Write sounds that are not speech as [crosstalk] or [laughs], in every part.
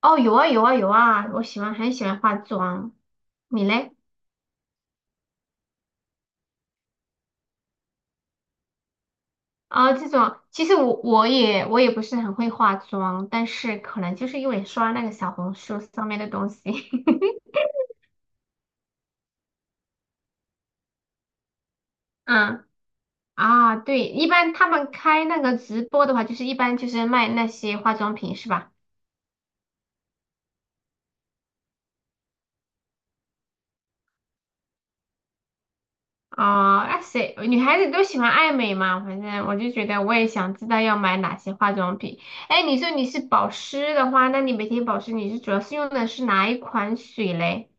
哦，有啊有啊有啊，我很喜欢化妆，你嘞？啊，这种其实我也不是很会化妆，但是可能就是因为刷那个小红书上面的东西。[laughs] 嗯啊，对，一般他们开那个直播的话，就是一般就是卖那些化妆品是吧？啊，那谁女孩子都喜欢爱美嘛，反正我就觉得我也想知道要买哪些化妆品。哎，你说你是保湿的话，那你每天保湿你是主要是用的是哪一款水嘞？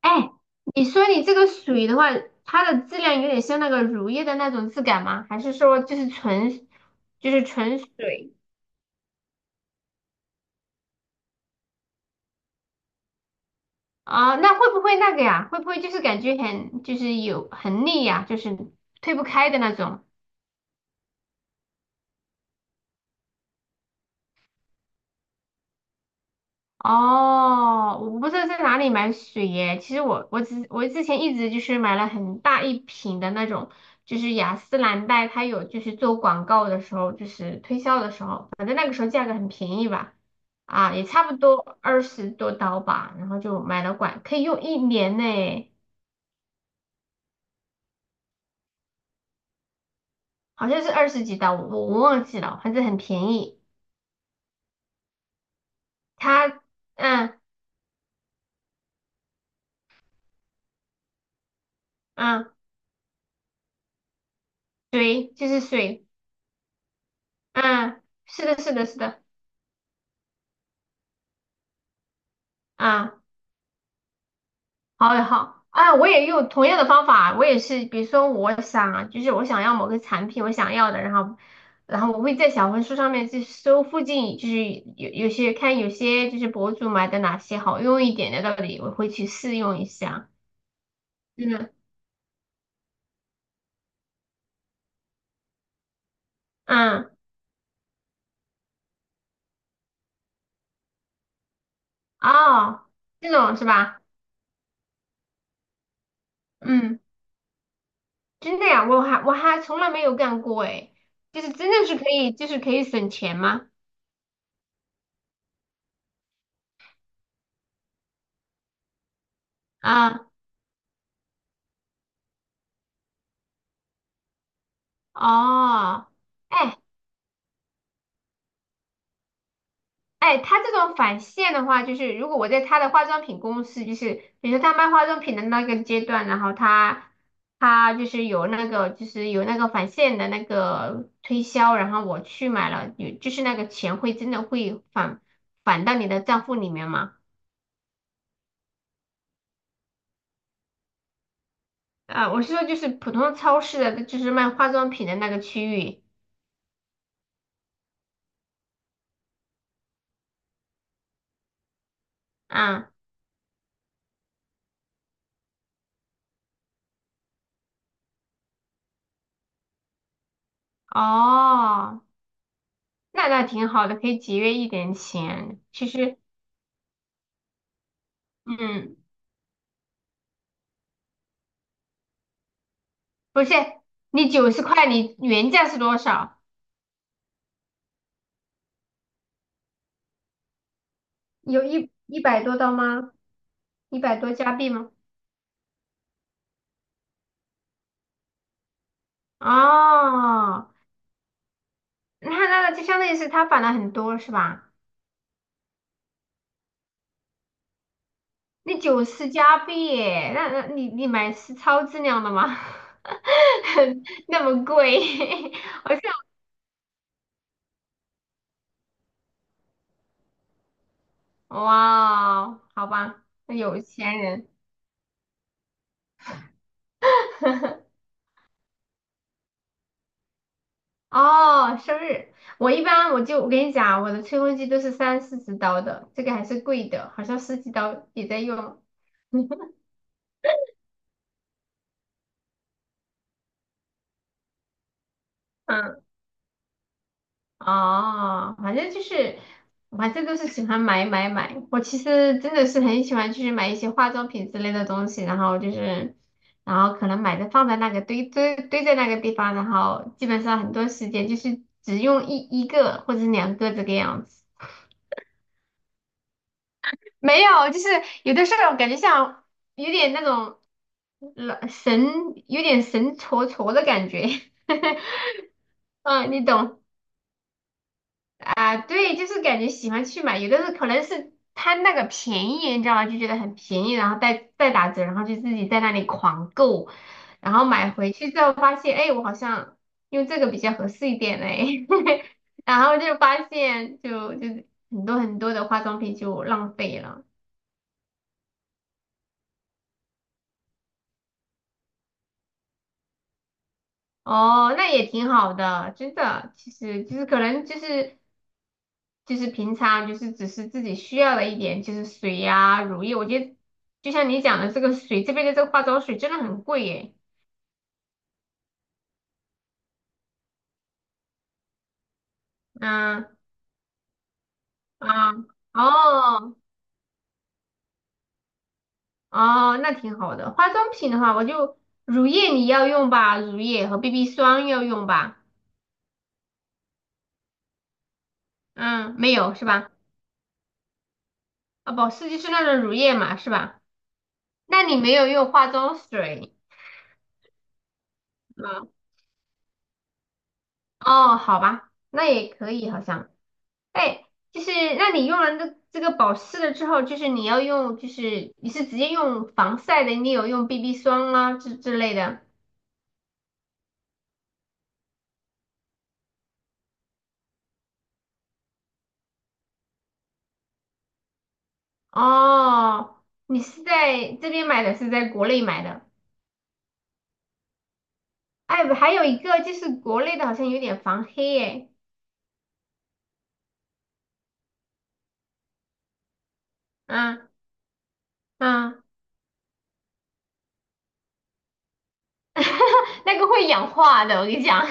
哎，你说你这个水的话，它的质量有点像那个乳液的那种质感吗？还是说就是纯，就是纯水啊？那会不会那个呀？会不会就是感觉很，就是有很腻呀？就是推不开的那种？哦，我不知道在哪里买水耶。其实我之前一直就是买了很大一瓶的那种，就是雅诗兰黛，它有就是做广告的时候，就是推销的时候，反正那个时候价格很便宜吧。啊，也差不多20多刀吧，然后就买了管，可以用一年呢，好像是20几刀，我忘记了，反正很便宜。它嗯嗯，水就是水。嗯，是的，是的，是的。啊。好好啊，我也用同样的方法，我也是，比如说我想，就是我想要某个产品，我想要的，然后，然后我会在小红书上面去搜附近，就是有些就是博主买的哪些好用一点的到底我会去试用一下。嗯嗯，哦，这种是吧？嗯，真的呀，我还从来没有干过诶，就是真的是可以，就是可以省钱吗？啊，哦。哎，哎，他这种返现的话，就是如果我在他的化妆品公司，就是比如说他卖化妆品的那个阶段，然后他就是有那个返现的那个推销，然后我去买了，有就是那个钱会真的会返到你的账户里面吗？啊，我是说就是普通超市的，就是卖化妆品的那个区域。啊。哦，那挺好的，可以节约一点钱。其实，嗯。不是，你90块，你原价是多少？有一百多刀吗？100多加币吗？哦，那就相当于是他返了很多是吧？那90加币耶那你买是超质量的吗？[laughs] 那么贵。[laughs] 我是哇哦好吧，有钱人。 [laughs] 哦，生日。我一般我就我跟你讲啊，我的吹风机都是30到40刀的，这个还是贵的，好像十几刀也在用。嗯，哦，反正就是，我反正都是喜欢买买买。我其实真的是很喜欢，去买一些化妆品之类的东西，然后就是，然后可能买的放在那个堆在那个地方，然后基本上很多时间就是只用一个或者是两个这个样子。没有，就是有的时候感觉像有点那种老神，有点神戳戳的感觉。[laughs] 嗯，你懂。啊，对，就是感觉喜欢去买，有的时候可能是贪那个便宜，你知道吗？就觉得很便宜，然后再打折，然后就自己在那里狂购，然后买回去之后发现，哎，我好像用这个比较合适一点嘞。[laughs] 然后就发现就是很多很多的化妆品就浪费了。哦，那也挺好的，真的，其实就是可能就是。就是平常就是只是自己需要的一点，就是水呀、乳液。我觉得就像你讲的这个水，这边的这个化妆水真的很贵耶。嗯啊哦哦，那挺好的。化妆品的话，我就乳液你要用吧，乳液和 BB 霜要用吧。嗯，没有是吧？啊，保湿就是那种乳液嘛，是吧？那你没有用化妆水，嗯，哦，好吧，那也可以好像。哎，就是那你用完这个保湿了之后，就是你要用，就是你是直接用防晒的，你有用 BB 霜啊之类的。哦，你是在这边买的，是在国内买的。哎，还有一个就是国内的好像有点防黑哎。嗯嗯。[laughs] 那个会氧化的，我跟你讲。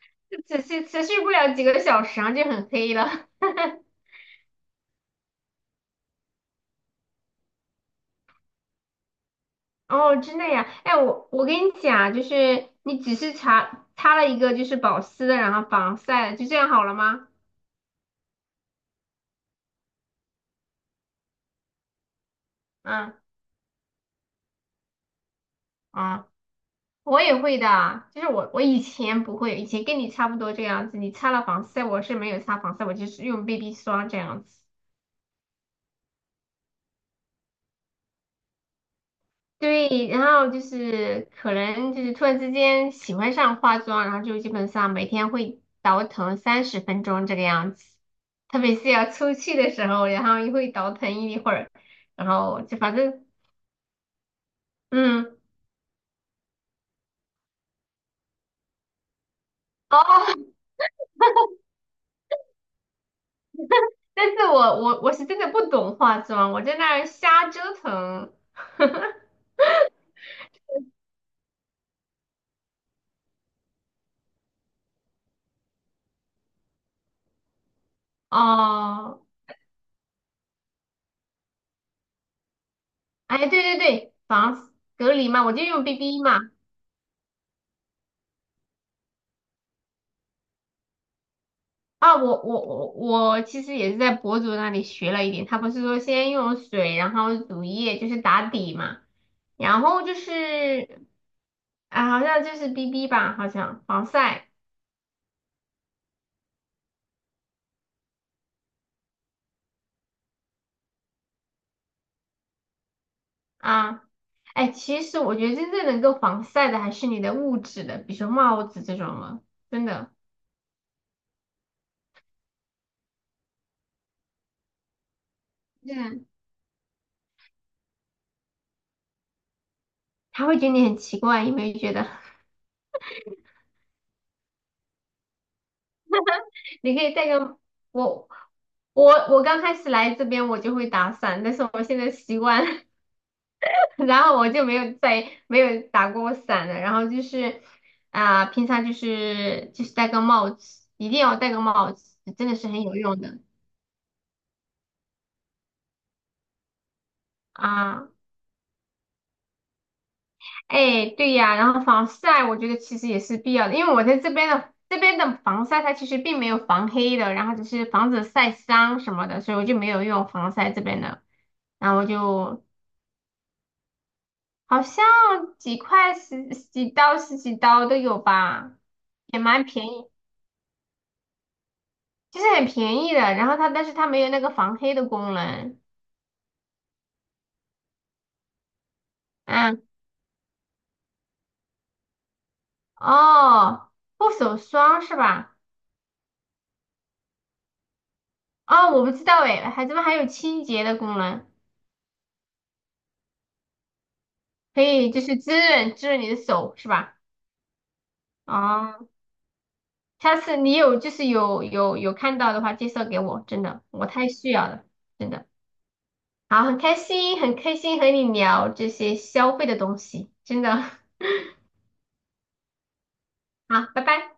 [laughs] 只是持续不了几个小时，啊，就很黑了。哦，真的呀，哎，我跟你讲啊，就是你只是擦了一个就是保湿的，然后防晒的，就这样好了吗？嗯啊，我也会的啊，就是我以前不会，以前跟你差不多这样子，你擦了防晒，我是没有擦防晒，我就是用 BB 霜这样子。对，然后就是可能就是突然之间喜欢上化妆，然后就基本上每天会倒腾30分钟这个样子，特别是要出去的时候，然后又会倒腾一会儿，然后就反正嗯哦。[laughs] 但是我是真的不懂化妆，我在那儿瞎折腾。[laughs] 哦，哎，对对对，防隔离嘛，我就用 BB 嘛。啊，我其实也是在博主那里学了一点，他不是说先用水，然后乳液，就是打底嘛，然后就是啊，好像就是 BB 吧，好像防晒啊。哎，其实我觉得真正能够防晒的还是你的物质的，比如说帽子这种了，真的。嗯，他会觉得你很奇怪，有没有觉得？[laughs] 你可以戴个我我刚开始来这边我就会打伞，但是我现在习惯了。[laughs] 然后我就没有再没有打过伞了。然后就是啊、平常就是就是戴个帽子，一定要戴个帽子，真的是很有用的啊。哎，对呀，然后防晒我觉得其实也是必要的，因为我在这边的防晒它其实并没有防黑的，然后只是防止晒伤什么的，所以我就没有用防晒这边的。然后我就好像几块十几刀都有吧，也蛮便宜。就是很便宜的，然后它但是它没有那个防黑的功能。嗯，哦，护手霜是吧？哦，我不知道哎，还怎么还有清洁的功能？可以就是滋润滋润你的手是吧？哦，下次你有就是有看到的话，介绍给我，真的我太需要了，真的。好，很开心，很开心和你聊这些消费的东西，真的。[laughs] 好，拜拜。